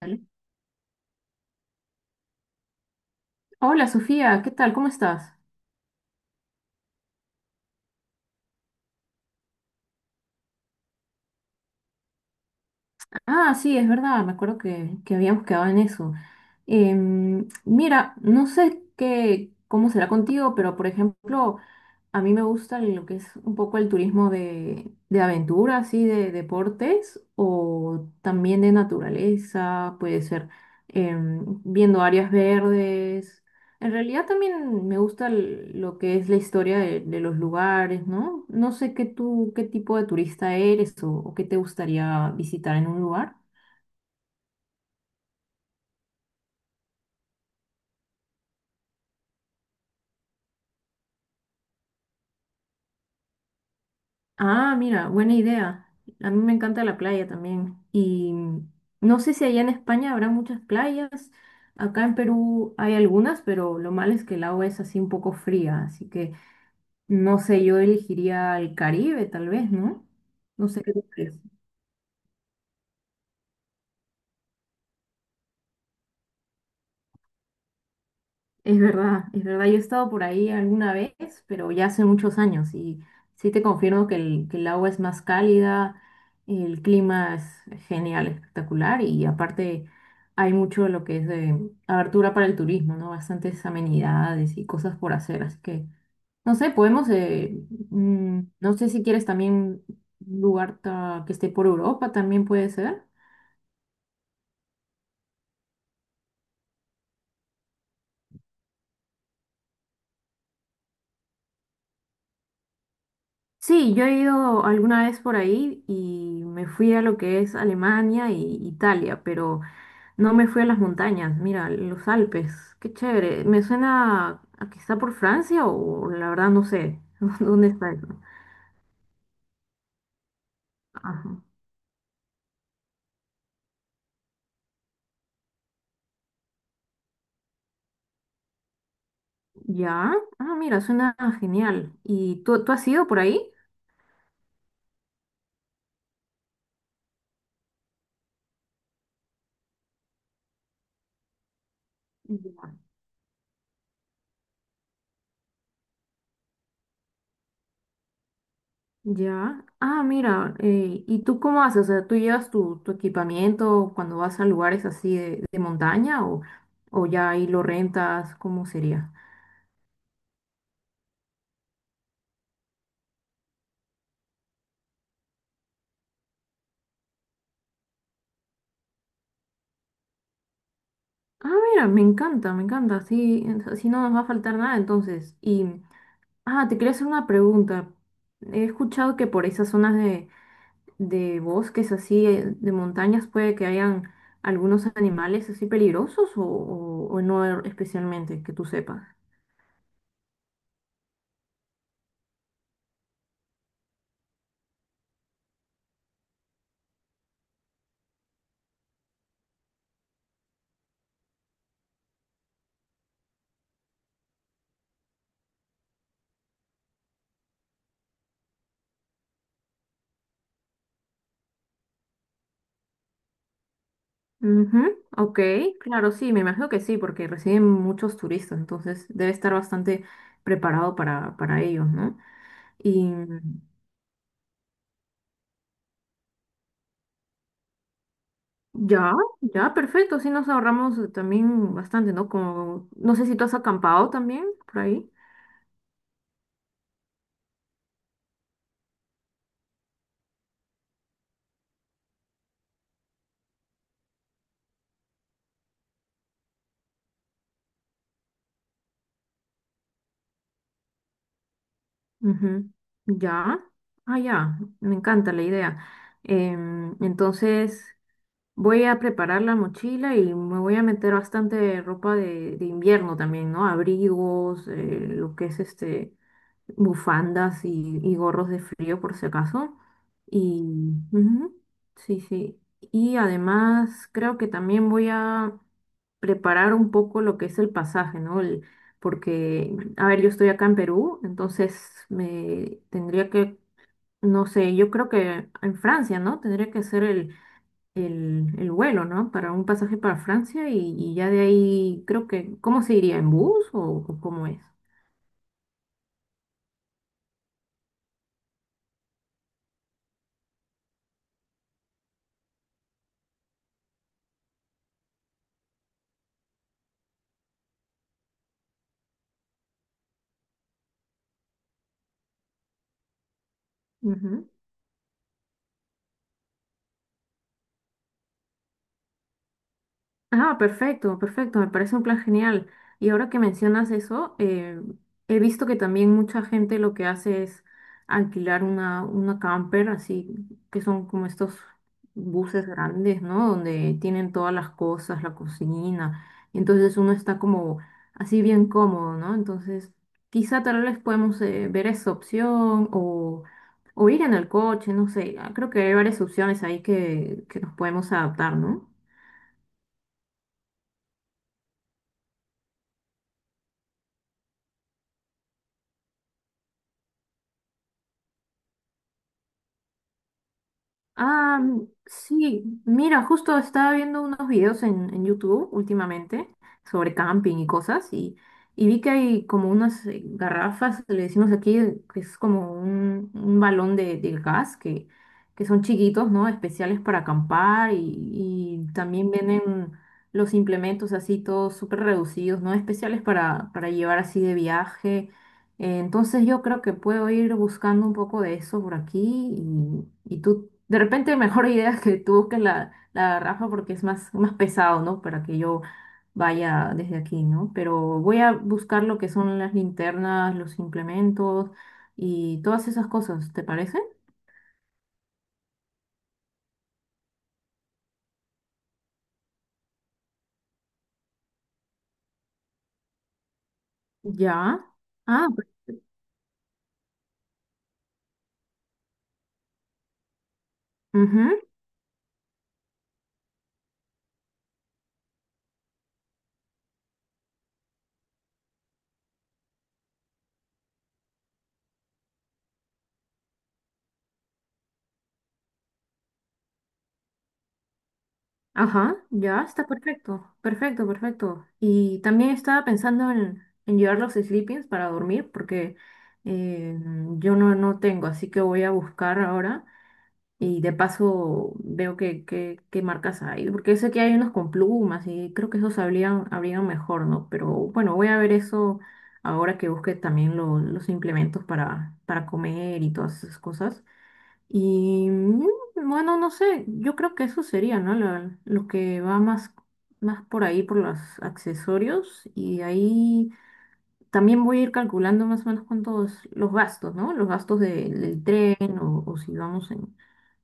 Dale. Hola Sofía, ¿qué tal? ¿Cómo estás? Ah, sí, es verdad, me acuerdo que habíamos quedado en eso. Mira, no sé qué, cómo será contigo, pero por ejemplo, a mí me gusta lo que es un poco el turismo de aventura, así de deportes o también de naturaleza, puede ser, viendo áreas verdes. En realidad también me gusta lo que es la historia de los lugares, ¿no? No sé qué tú, qué tipo de turista eres o qué te gustaría visitar en un lugar. Ah, mira, buena idea. A mí me encanta la playa también. Y no sé si allá en España habrá muchas playas. Acá en Perú hay algunas, pero lo malo es que el agua es así un poco fría. Así que no sé, yo elegiría el Caribe tal vez, ¿no? No sé qué tú crees. Es verdad, es verdad. Yo he estado por ahí alguna vez, pero ya hace muchos años y sí te confirmo que el agua es más cálida, el clima es genial, espectacular y aparte hay mucho de lo que es de abertura para el turismo, ¿no? Bastantes amenidades y cosas por hacer, así que no sé, podemos, no sé si quieres también un lugar que esté por Europa, también puede ser. Sí, yo he ido alguna vez por ahí y me fui a lo que es Alemania e Italia, pero no me fui a las montañas, mira, los Alpes, qué chévere. Me suena a que está por Francia o la verdad no sé dónde está eso. Ajá. Ya, ah, mira, suena genial. ¿Y tú has ido por ahí? Ya. Ya. Ah, mira, ¿y tú cómo haces? O sea, ¿tú llevas tu equipamiento cuando vas a lugares así de montaña o ya ahí lo rentas? ¿Cómo sería? Ah, mira, me encanta, me encanta. Así, así no nos va a faltar nada entonces. Y, ah, te quería hacer una pregunta. He escuchado que por esas zonas de bosques así, de montañas, puede que hayan algunos animales así peligrosos o no especialmente, que tú sepas. Ujú, ok, claro, sí, me imagino que sí, porque reciben muchos turistas, entonces debe estar bastante preparado para ellos, ¿no? Y ya, ya, perfecto, sí nos ahorramos, también bastante, ¿no? Como, no sé si tú has acampado también por ahí. Ujú, ya, ah, ya, me encanta la idea. Entonces, voy a preparar la mochila y me voy a meter bastante ropa de invierno también, ¿no? Abrigos, lo que es bufandas y gorros de frío por si acaso. Y ujú, sí, sí. Y además creo que también voy a preparar un poco lo que es el pasaje, ¿no? Porque, a ver, yo estoy acá en Perú, entonces me tendría que, no sé, yo creo que en Francia, ¿no? Tendría que hacer el vuelo, ¿no? Para un pasaje para Francia y ya de ahí creo que, ¿cómo se iría? ¿En bus o cómo es? Ah, perfecto, perfecto, me parece un plan genial. Y ahora que mencionas eso, he visto que también mucha gente lo que hace es alquilar una camper, así que son como estos buses grandes, ¿no? Donde tienen todas las cosas, la cocina. Entonces uno está como así bien cómodo, ¿no? Entonces quizá tal vez podemos, ver esa opción o ir en el coche, no sé. Ah, creo que hay varias opciones ahí que nos podemos adaptar, ¿no? Ah, sí, mira, justo estaba viendo unos videos en YouTube últimamente sobre camping y cosas y vi que hay como unas, garrafas, le decimos aquí, que es como un balón de gas que son chiquitos, ¿no? Especiales para acampar y también vienen los implementos así todos súper reducidos, ¿no? Especiales para llevar así de viaje. Entonces yo creo que puedo ir buscando un poco de eso por aquí y tú de repente mejor idea que tú que la garrafa porque es más, más pesado, ¿no? Para que yo vaya desde aquí, ¿no? Pero voy a buscar lo que son las linternas, los implementos y todas esas cosas, ¿te parece? Ya. Ah, ujú, ajá, ya está perfecto. Perfecto, perfecto. Y también estaba pensando en llevar los sleepings para dormir porque, eh, yo no tengo, así que voy a buscar ahora. Y de paso veo qué que, qué qué marcas hay, porque sé que hay unos con plumas y creo que esos habrían mejor, ¿no? Pero bueno, voy a ver eso ahora que busque también los implementos para comer y todas esas cosas. Y bueno, no sé, yo creo que eso sería, ¿no? Lo que va más, más por ahí, por los accesorios. Y de ahí también voy a ir calculando más o menos cuántos los gastos, ¿no? Los gastos del tren o si vamos en,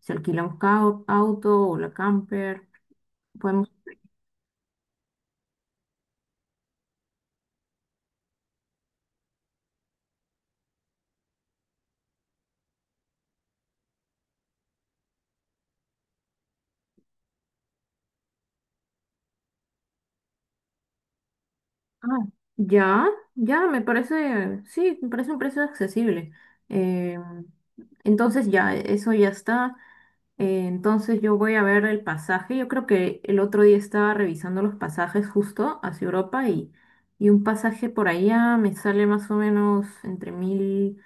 si alquilamos auto o la camper, podemos... Ah, ya, ya, me parece, sí, me parece un precio accesible. Eh, entonces ya, eso ya está. Entonces yo voy a ver el pasaje. Yo creo que el otro día estaba revisando los pasajes justo hacia Europa y un pasaje por allá me sale más o menos entre mil...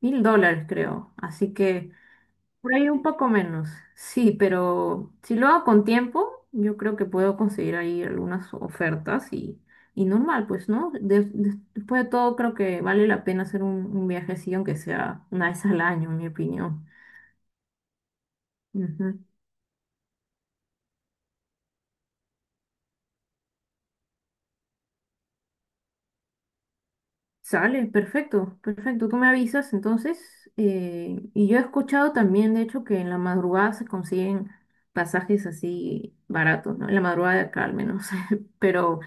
Mil dólares, creo. Así que por ahí un poco menos. Sí, pero si lo hago con tiempo, yo creo que puedo conseguir ahí algunas ofertas y normal, pues, ¿no? Después de todo, creo que vale la pena hacer un viajecillo, aunque sea una vez al año, en mi opinión. Sale, perfecto, perfecto. Tú me avisas entonces. Y yo he escuchado también, de hecho, que en la madrugada se consiguen pasajes así baratos, ¿no? En la madrugada de acá al menos. Pero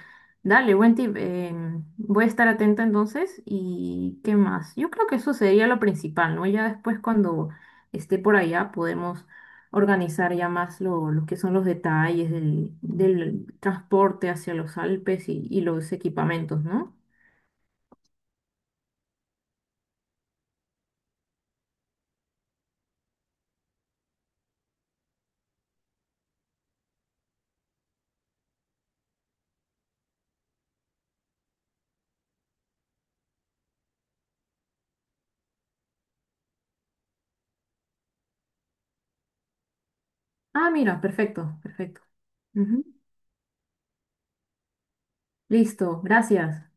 dale, buen tip. Voy a estar atenta entonces. ¿Y qué más? Yo creo que eso sería lo principal, ¿no? Ya después cuando esté por allá podemos organizar ya más lo que son los detalles del transporte hacia los Alpes y los equipamientos, ¿no? Ah, mira, perfecto, perfecto. Ujú. Listo, gracias.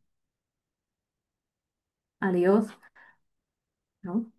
Adiós. ¿No?